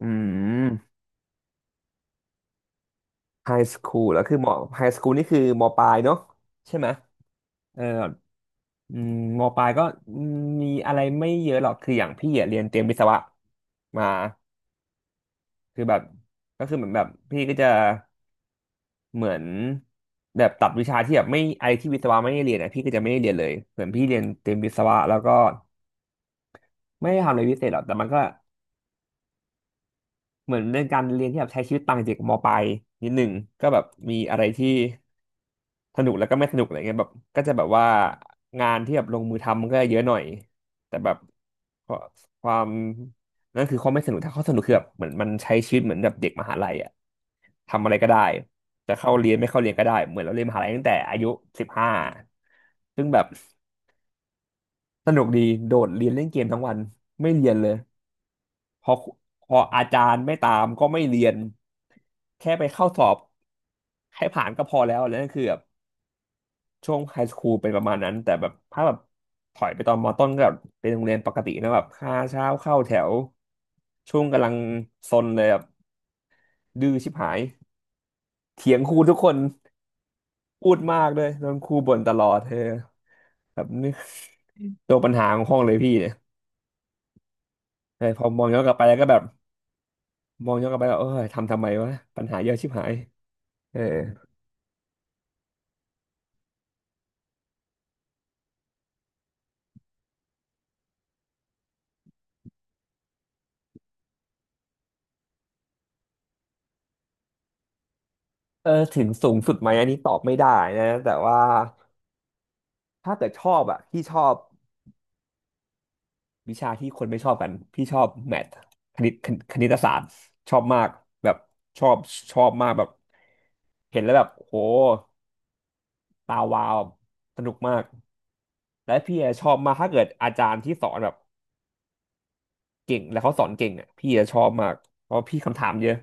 อืมไฮสคูลแล้วคือมอไฮสคูลนี่คือมอปลายเนาะใช่ไหมเอออืมมอปลายก็มีอะไรไม่เยอะหรอกคืออย่างพี่อะเรียนเตรียมวิศวะมาคือแบบก็คือเหมือนแบบพี่ก็จะเหมือนแบบตัดวิชาที่แบบไม่ไอที่วิศวะไม่ได้เรียนอะพี่ก็จะไม่ได้เรียนเลยเหมือนพี่เรียนเตรียมวิศวะแล้วก็ไม่ได้ทำอะไรพิเศษหรอกแต่มันก็เหมือนเป็นการเรียนที่แบบใช้ชีวิตต่างจากมอปลายนิดหนึ่งก็แบบมีอะไรที่ สนุกแล้วก็ไม่สนุกอะไรเงี้ยแบบก็จะแบบว่างานที่แบบลงมือทำมันก็เยอะหน่อยแต่แบบความนั่นคือความไม่สนุกถ้าเขาสนุกคือแบบเหมือนมันใช้ชีวิตเหมือนแบบเด็กมหาลัยอะทำอะไรก็ได้จะเข้าเรียนไม่เข้าเรียนก็ได้เหมือนเราเรียนมหาลัยตั้งแต่อายุสิบห้าซึ่งแบบสนุกดีโดดเรียนเล่นเกมทั้งวันไม่เรียนเลยพอพออาจารย์ไม่ตามก็ไม่เรียนแค่ไปเข้าสอบให้ผ่านก็พอแล้วแล้วนั่นคือแบบ ช่วงไฮสคูลเป็นประมาณนั้นแต่แบบถอยไปตอนมต้นก็แบบเป็นโรงเรียนปกตินะแบบห้าเช้าเข้าแถวช่วงกำลังซนเลยแบบดื้อชิบหายเถียงครูทุกคนพูดมากด้วยโดนครูบ่นตลอดเธอแบบนี่ ตัวปัญหาของห้องเลยพี่เนี่ยเออพอมองย้อนกลับไปแล้วก็แบบมองย้อนกลับไปแล้วเออทำไมวะปัญหาเยอะชิบหายเออเออถึงสูงสุดไหมอันนี้ตอบไม่ได้นะแต่ว่าถ้าเกิดชอบอ่ะพี่ชอบ วิชาที่คนไม่ชอบกันพี่ชอบแมทคณิตศาสตร์ชอบมากแบบชอบชอบมากแบบเห็นแล้วแบบโหตาวาวสนุกมากและพี่อะชอบมากถ้าเกิดอาจารย์ที่สอนแบบเก่งแล้วเขาสอนเก่งอ่ะพี่จะชอบมากเพราะพี่คำถามเยอะ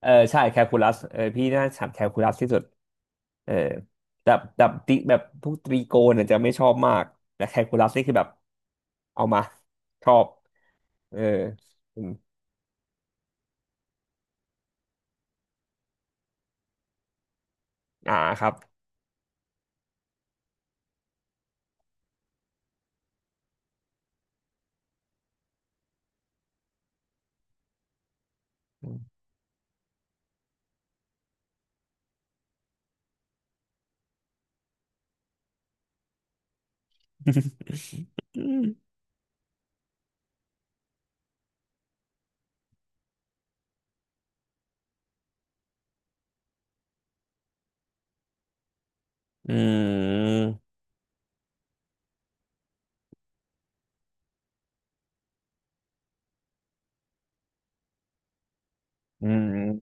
เออใช่แคลคูลัสเออพี่น่าจะถามแคลคูลัสที่สุดเออแบบติแบบพวกตรีโกณเนี่ยจะไม่ชอบมากแต่แคลคูลัสนี่คือแบบเอามาชอบเออ อ่าครับอืม อืม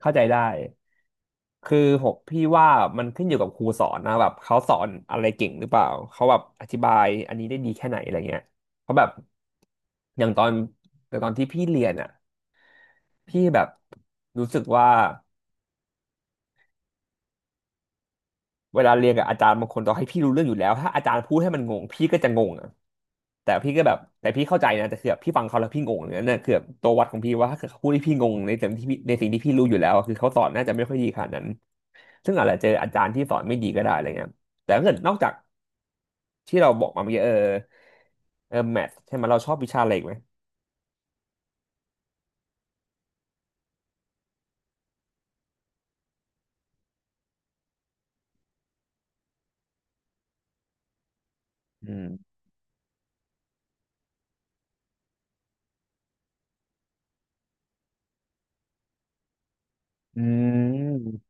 เข้าใจได้ คือผมพี่ว่ามันขึ้นอยู่กับครูสอนนะแบบเขาสอนอะไรเก่งหรือเปล่าเขาแบบอธิบายอันนี้ได้ดีแค่ไหนอะไรเงี้ยเพราะแบบอย่างตอนแต่ตอนที่พี่เรียนอ่ะพี่แบบรู้สึกว่า เวลาเรียนกับอาจารย์บางคนต่อให้พี่รู้เรื่องอยู่แล้วถ้าอาจารย์พูดให้มันงงพี่ก็จะงงอะแต่พี่ก็แบบแต่พี่เข้าใจนะแต่คือแบบพี่ฟังเขาแล้วพี่งงเนี่ยนั่นคือแบบตัววัดของพี่ว่าถ้าเกิดเขาพูดให้พี่งงในสิ่งที่พี่รู้อยู่แล้วอะคือเขาสอนน่าจะไม่ค่อยดีขนาดนั้นซึ่งอาจจะเจออาจารย์ที่สอนไม่ดีก็ได้อะไรเงี้ยแต่ถ้าเกิดนอกจากที่เราบอกมาเมื่อกี้เออเออแมทใช่ไหมเราชอบวิชาอะไรอีกไหมอืมอืม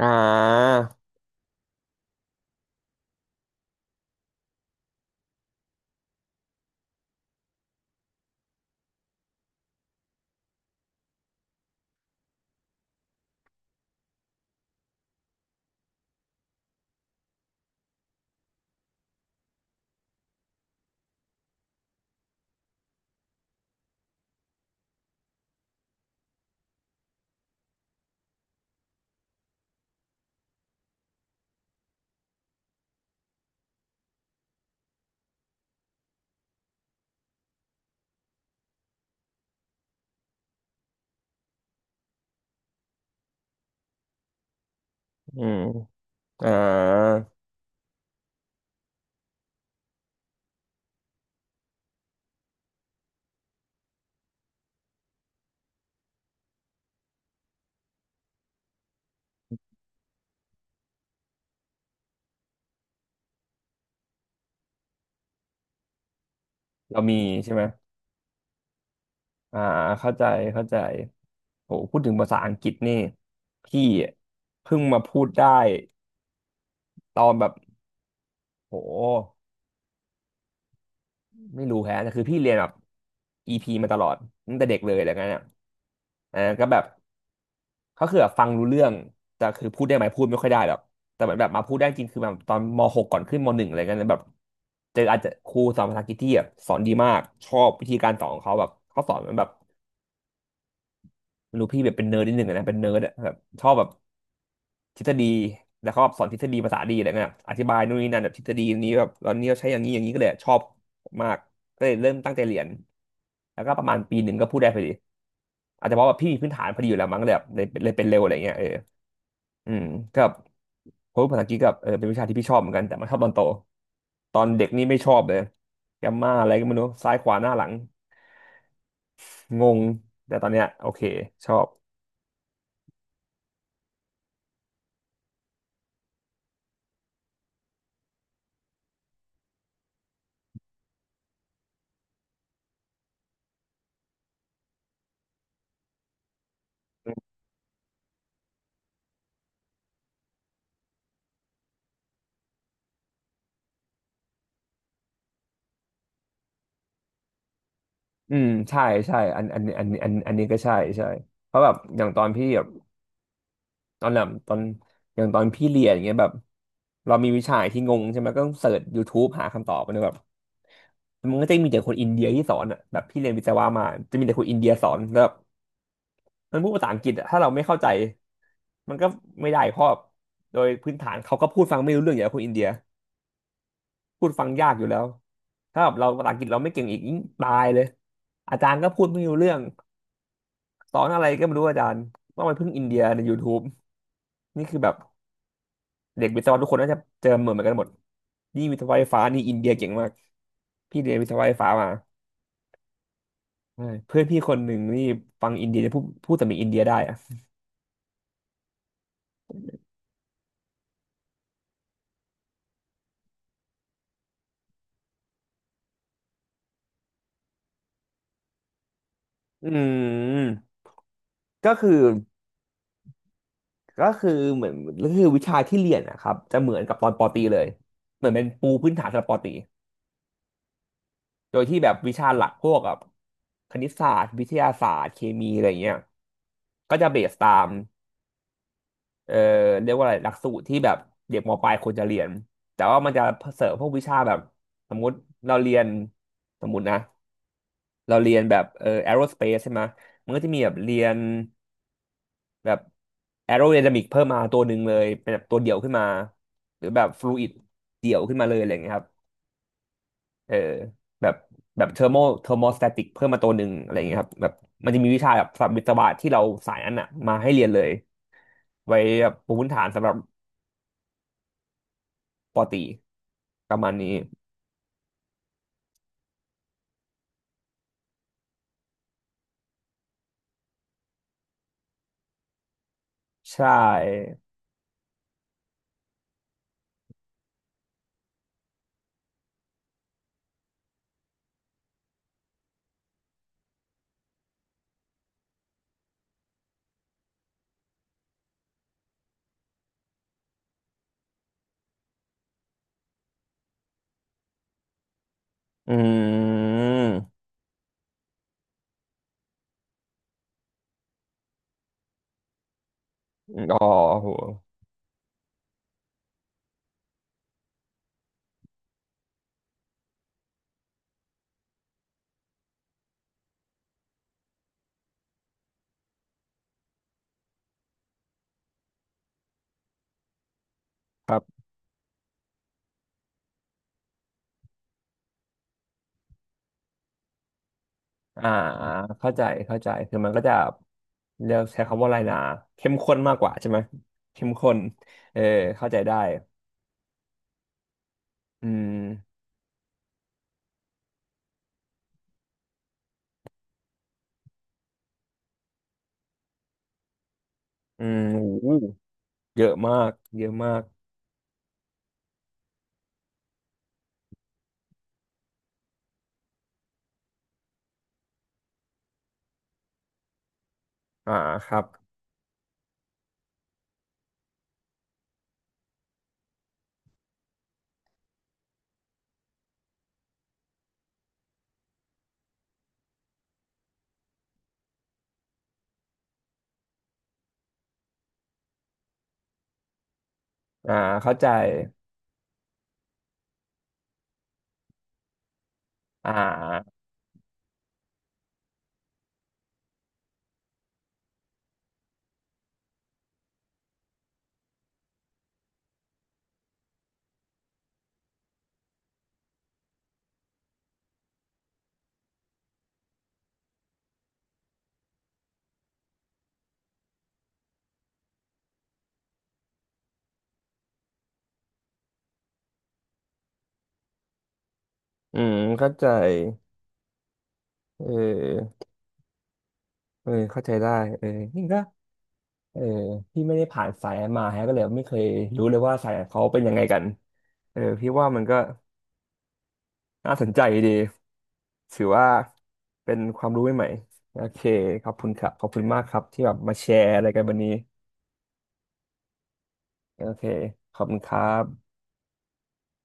อ่าอืมอ่าเรามีใช่ไหม อ่าเข้าใจเข้าใจโหพูดถึงภาษาอังกฤษนี่พี่เพิ่งมาพูดได้ตอนแบบโหไม่รู้แฮะแต่คือพี่เรียนแบบอีพีมาตลอดตั้งแต่เด็กเลยอะไรเงี้ยเนี่ยอ่าก็แบบก็คือแบบฟังรู้เรื่องแต่คือพูดได้ไหมพูดไม่ค่อยได้หรอกแต่เหมือนแบบมาพูดได้จริงคือแบบตอนม .6 ก่อนขึ้นม .1 อะไรเงี้ยแบบเจออาจจะครูสอนภาษาอังกฤษที่แบบสอนดีมากชอบวิธีการสอนของเขาแบบเขาสอนเหมือนแบบ ไม่รู้พี่แบบเป็นเนิร์ดนิดหนึ่งอะนะเป็นเนิร์ดอะแบบชอบแบบทฤษฎีแล้วเขาแบบสอนทฤษฎีภาษาดีอะไรเงี้ยอธิบายนู่นนี่นั่นแบบทฤษฎีนี้แบบตอนนี้เราใช้อย่างนี้อย่างนี้ก็เลยชอบมากก็เลยเริ่มตั้งใจเรียนแล้วก็ประมาณปีหนึ่งก็พูดได้พอดีอาจจะเพราะว่าพี่มีพื้นฐานพอดีอยู่แล้วมั้งเลยแบบเลยเป็นเร็วอะไรเงี้ยเอออืมก็เพราะว่าภาษาอังกฤษกับเออเป็นวิชาที่พี่ชอบเหมือนกันแต่มาชอบตอนโตตอนเด็กนี่ไม่ชอบเลยแกมมาอะไรก็ไม่รู้ซ้ายขวาหน้าหลังงงแต่ตอนเนี้ยโอเคชอบ อืมใช่ใช่อันนี้ก็ใช่ใช่เพราะแบบอย่างตอนแบบตอนอย่างตอนพี่เรียนอย่างเงี้ยแบบเรามีวิชาที่งงใช่ไหมก็ต้องเสิร์ช YouTube หาคำตอบมัแบบมันก็จะมีแต่คนอินเดียที่สอนอ่ะแบบพี่เรียนวิศวะมาจะมีแต่คนอินเดียสอนแล้วแบบมันพูดภาษาอังกฤษอะถ้าเราไม่เข้าใจมันก็ไม่ได้เพราะโดยพื้นฐานเขาก็พูดฟังไม่รู้เรื่องอย่างคนอินเดียพูดฟังยากอยู่แล้วถ้าแบบเราภาษาอังกฤษเราไม่เก่งอีกยิ่งตายเลยอาจารย์ก็พูดไม่รู้เรื่อง สอนอะไรก็ไม่รู้อาจารย์ว่ามันเพิ่งอินเดียใน YouTube นี่คือแบบเด็กวิศวะทุกคนน่าจะเจอเหมือนกันหมด นี่วิศวะไฟฟ้านี่อินเดียเก่งมาก พี่เรียนวิศวะไฟฟ้ามาใช่เพื่อนพี่คนหนึ่งนี่ฟังอินเดียจะพูดสำเนียงอินเดียได้อะอืมก็คือก็คือเหมือนก็คือวิชาที่เรียนนะครับจะเหมือนกับตอนปอตรีเลยเหมือนเป็นปูพื้นฐานสำหรับปอตรีโดยที่แบบวิชาหลักพวกแบบคณิตศาสตร์วิทยาศาสตร์เคมีอะไรเงี้ยก็จะเบสตาม เอ่อเรียกว่าอะไรหลักสูตรที่แบบเด็กมปลายควรจะเรียนแต่ว่ามันจะเสริมพวกวิชาแบบสมมุติเราเรียนสมมุตินะเราเรียนแบบแอโรสเปซใช่ไหมมันก็จะมีแบบเรียนแบบแอโรไดนามิกเพิ่มมาตัวหนึ่งเลยเป็นแบบตัวเดี่ยวขึ้นมาหรือแบบฟลูอิดเดี่ยวขึ้นมาเลยอะไรอย่างเงี้ยครับเออแบบแบบเทอร์โมเทอร์โมสแตติกเพิ่มมาตัวหนึ่งอะไรอย่างเงี้ยครับแบบมันจะมีวิชาแบบสำหรับวิศวะที่เราสายนั้นอ่ะมาให้เรียนเลยไว้แบบปูพื้นฐานสำหรับปอตรีประมาณนี้ ใช่อืมอ๋อโหครับอ่าเข้าใจเข้าใจ คือมันก็จะเรียกใช้คำว่าอะไรนะเข้มข้นมากกว่าใช่ไหมเข้มข้นเออเข้าใจได้อืมอืมโอ้โหเยอะมาก เยอะมากอ่าครับอ่าเข้าใจอ่าอืมเข้าใจเออเออเข้าใจได้เออนี่ก็ เออพี่ไม่ได้ผ่านสายนั้นมาฮะก็เลยไม่เคยรู้เลยว่าสายเขาเป็นยังไงกันเออพี่ว่ามันก็น่าสนใจดีถือว่าเป็นความรู้ใหม่ๆโอเคขอบคุณครับขอบคุณมากครับที่แบบมาแชร์อะไรกันวันนี้โอเคขอบคุณครับ